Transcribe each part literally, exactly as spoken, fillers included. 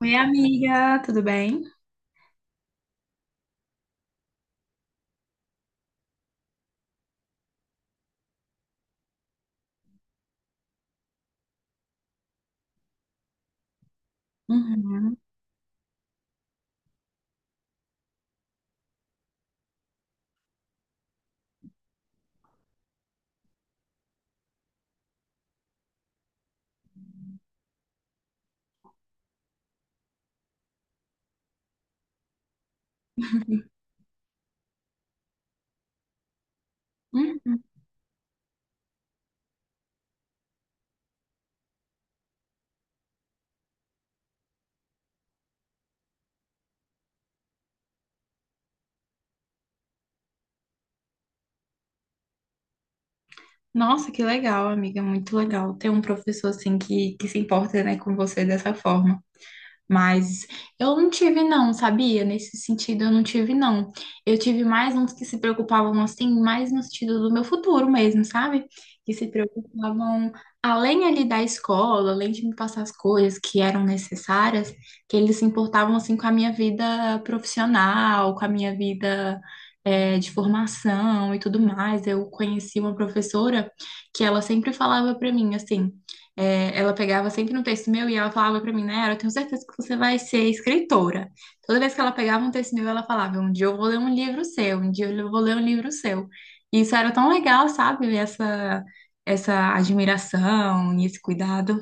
Oi, amiga, tudo bem? Uhum. Uhum. Nossa, que legal, amiga, muito legal ter um professor assim que, que se importa, né, com você dessa forma. Mas eu não tive não, sabia? Nesse sentido eu não tive não. Eu tive mais uns que se preocupavam assim, mais no sentido do meu futuro mesmo, sabe? Que se preocupavam além ali da escola, além de me passar as coisas que eram necessárias, que eles se importavam assim com a minha vida profissional, com a minha vida eh, de formação e tudo mais. Eu conheci uma professora que ela sempre falava para mim assim é, ela pegava sempre um texto meu e ela falava pra mim, né? Eu tenho certeza que você vai ser escritora. Toda vez que ela pegava um texto meu, ela falava: um dia eu vou ler um livro seu, um dia eu vou ler um livro seu. E isso era tão legal, sabe? Essa, essa admiração e esse cuidado.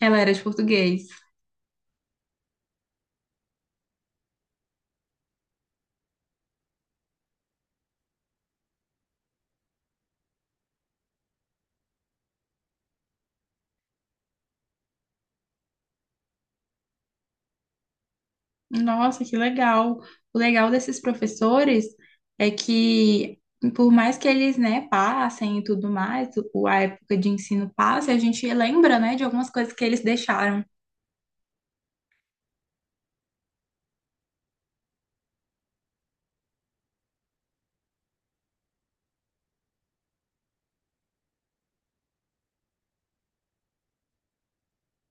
Ela era de português. Nossa, que legal! O legal desses professores é que, por mais que eles, né, passem e tudo mais, o- a época de ensino passa, a gente lembra, né, de algumas coisas que eles deixaram.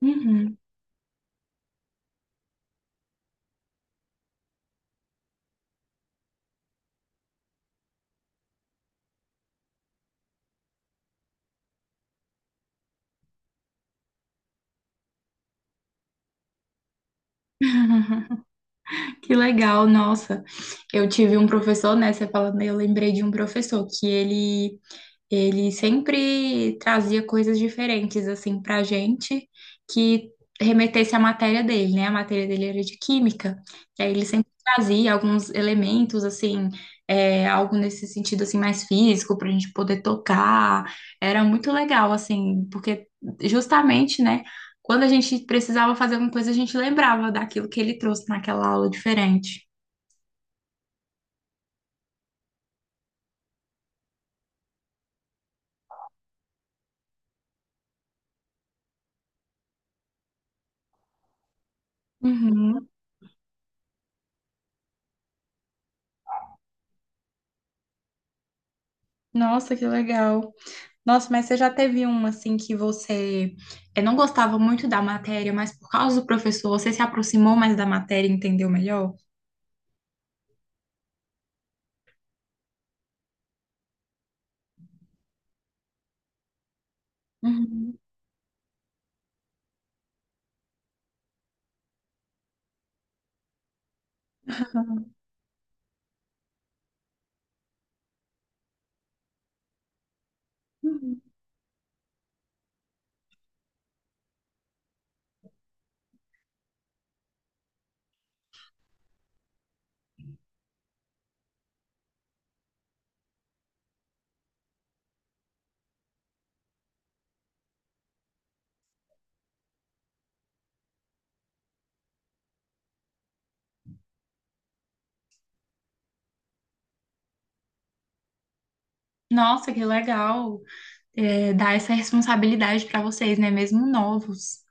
Uhum. Que legal, nossa. Eu tive um professor, né? Você falando, eu lembrei de um professor que ele ele sempre trazia coisas diferentes assim para a gente que remetesse à matéria dele, né? A matéria dele era de química, e aí ele sempre trazia alguns elementos assim, é, algo nesse sentido assim mais físico para a gente poder tocar. Era muito legal assim, porque justamente, né? Quando a gente precisava fazer alguma coisa, a gente lembrava daquilo que ele trouxe naquela aula diferente. Uhum. Nossa, que legal. Nossa, mas você já teve um assim que você eh, não gostava muito da matéria, mas por causa do professor você se aproximou mais da matéria e entendeu melhor? Uhum, uhum. Nossa, que legal, eh, dar essa responsabilidade para vocês, né? Mesmo novos.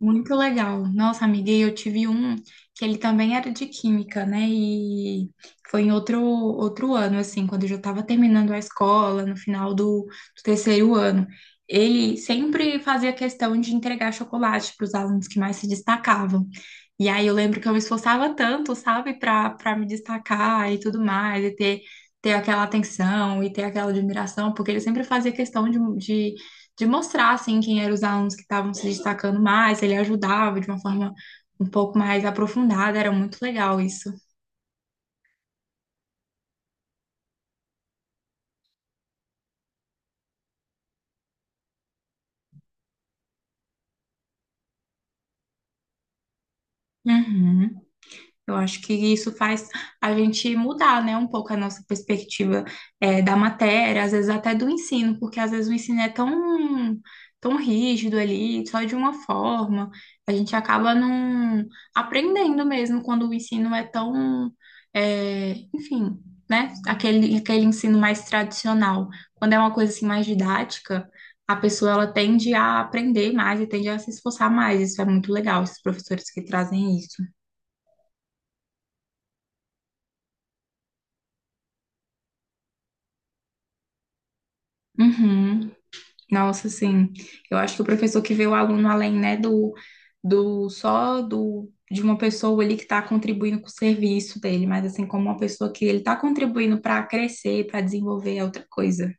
Muito legal. Nossa, amiga, e eu tive um que ele também era de química, né? E foi em outro, outro ano, assim, quando eu já estava terminando a escola, no final do, do terceiro ano. Ele sempre fazia questão de entregar chocolate para os alunos que mais se destacavam. E aí eu lembro que eu me esforçava tanto, sabe, para para me destacar e tudo mais, e ter, ter aquela atenção e ter aquela admiração, porque ele sempre fazia questão de de mostrar assim quem eram os alunos que estavam se destacando mais, ele ajudava de uma forma um pouco mais aprofundada, era muito legal isso. Uhum. Eu acho que isso faz a gente mudar, né, um pouco a nossa perspectiva eh, da matéria, às vezes até do ensino, porque às vezes o ensino é tão, tão rígido ali, só de uma forma, a gente acaba não aprendendo mesmo quando o ensino é tão, eh, enfim, né, aquele, aquele ensino mais tradicional. Quando é uma coisa assim mais didática, a pessoa ela tende a aprender mais e tende a se esforçar mais. Isso é muito legal, esses professores que trazem isso. Uhum. Nossa, sim. Eu acho que o professor que vê o aluno além, né, do, do só do de uma pessoa ali que está contribuindo com o serviço dele, mas assim como uma pessoa que ele está contribuindo para crescer, para desenvolver é outra coisa.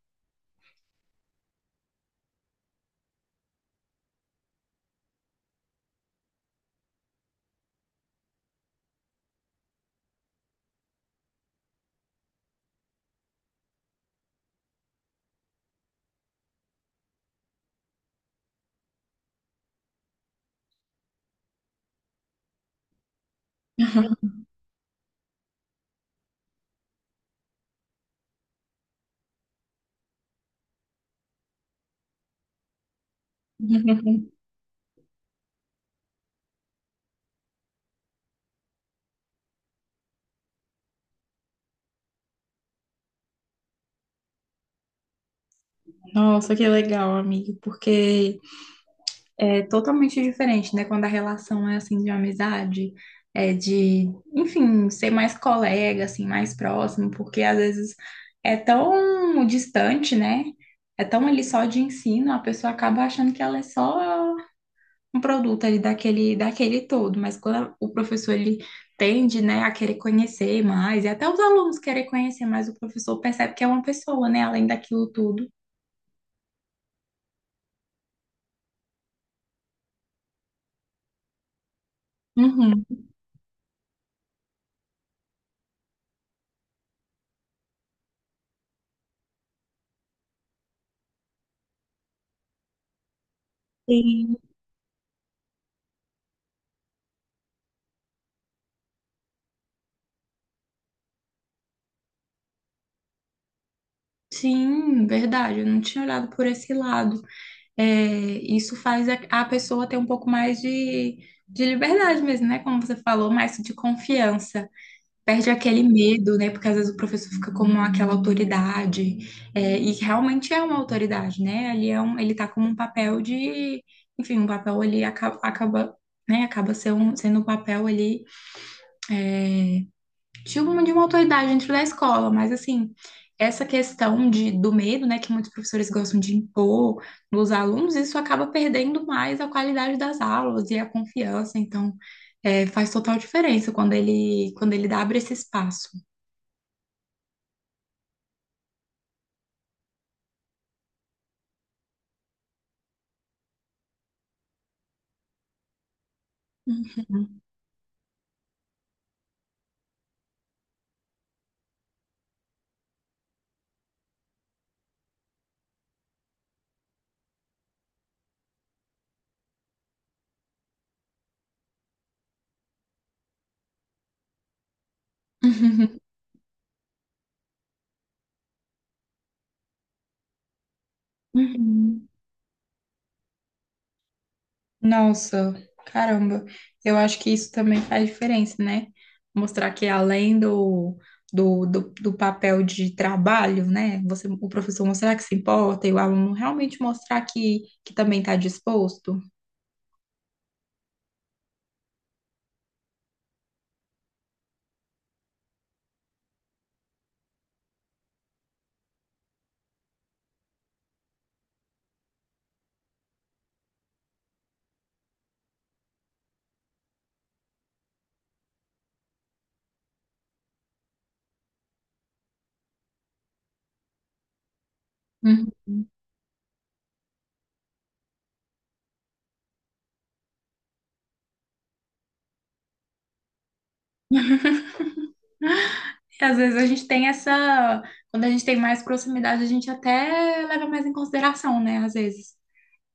Nossa, que legal, amigo, porque é totalmente diferente, né? Quando a relação é assim de amizade, é de, enfim, ser mais colega, assim, mais próximo, porque às vezes é tão distante, né? É tão ali só de ensino, a pessoa acaba achando que ela é só um produto ali daquele, daquele todo, mas quando o professor ele tende, né, a querer conhecer mais, e até os alunos querem conhecer mais, o professor percebe que é uma pessoa, né, além daquilo tudo. Uhum. Sim. Sim, verdade. Eu não tinha olhado por esse lado. É, isso faz a, a pessoa ter um pouco mais de, de liberdade mesmo, né? Como você falou, mais de confiança. Perde aquele medo, né? Porque às vezes o professor fica como aquela autoridade. É, e realmente é uma autoridade, né? Ali é um, ele tá como um papel de, enfim, um papel ali acaba, acaba, né? Acaba sendo, sendo um papel ali. Tipo de uma autoridade dentro da escola, mas assim, essa questão de, do medo, né, que muitos professores gostam de impor nos alunos, isso acaba perdendo mais a qualidade das aulas e a confiança, então é, faz total diferença quando ele, quando ele abre esse espaço. Nossa, caramba. Eu acho que isso também faz diferença, né? Mostrar que além do, do, do, do papel de trabalho, né? Você, o professor mostrar que se importa e o aluno realmente mostrar que, que também está disposto. Uhum. E às vezes a gente tem essa. Quando a gente tem mais proximidade, a gente até leva mais em consideração, né? Às vezes.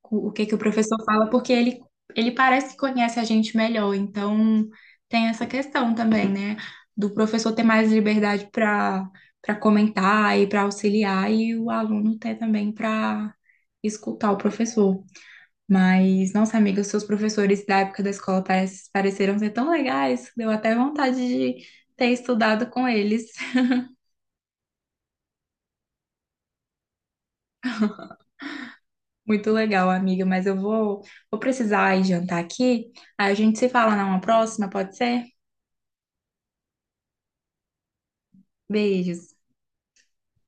o o que que o professor fala, porque ele, ele parece que conhece a gente melhor. Então, tem essa questão também, né? Do professor ter mais liberdade para para comentar e para auxiliar, e o aluno ter também para escutar o professor. Mas, nossa amiga, os seus professores da época da escola parece, pareceram ser tão legais, deu até vontade de ter estudado com eles. Muito legal, amiga, mas eu vou, vou precisar ir jantar aqui. A gente se fala numa próxima, pode ser? Beijos.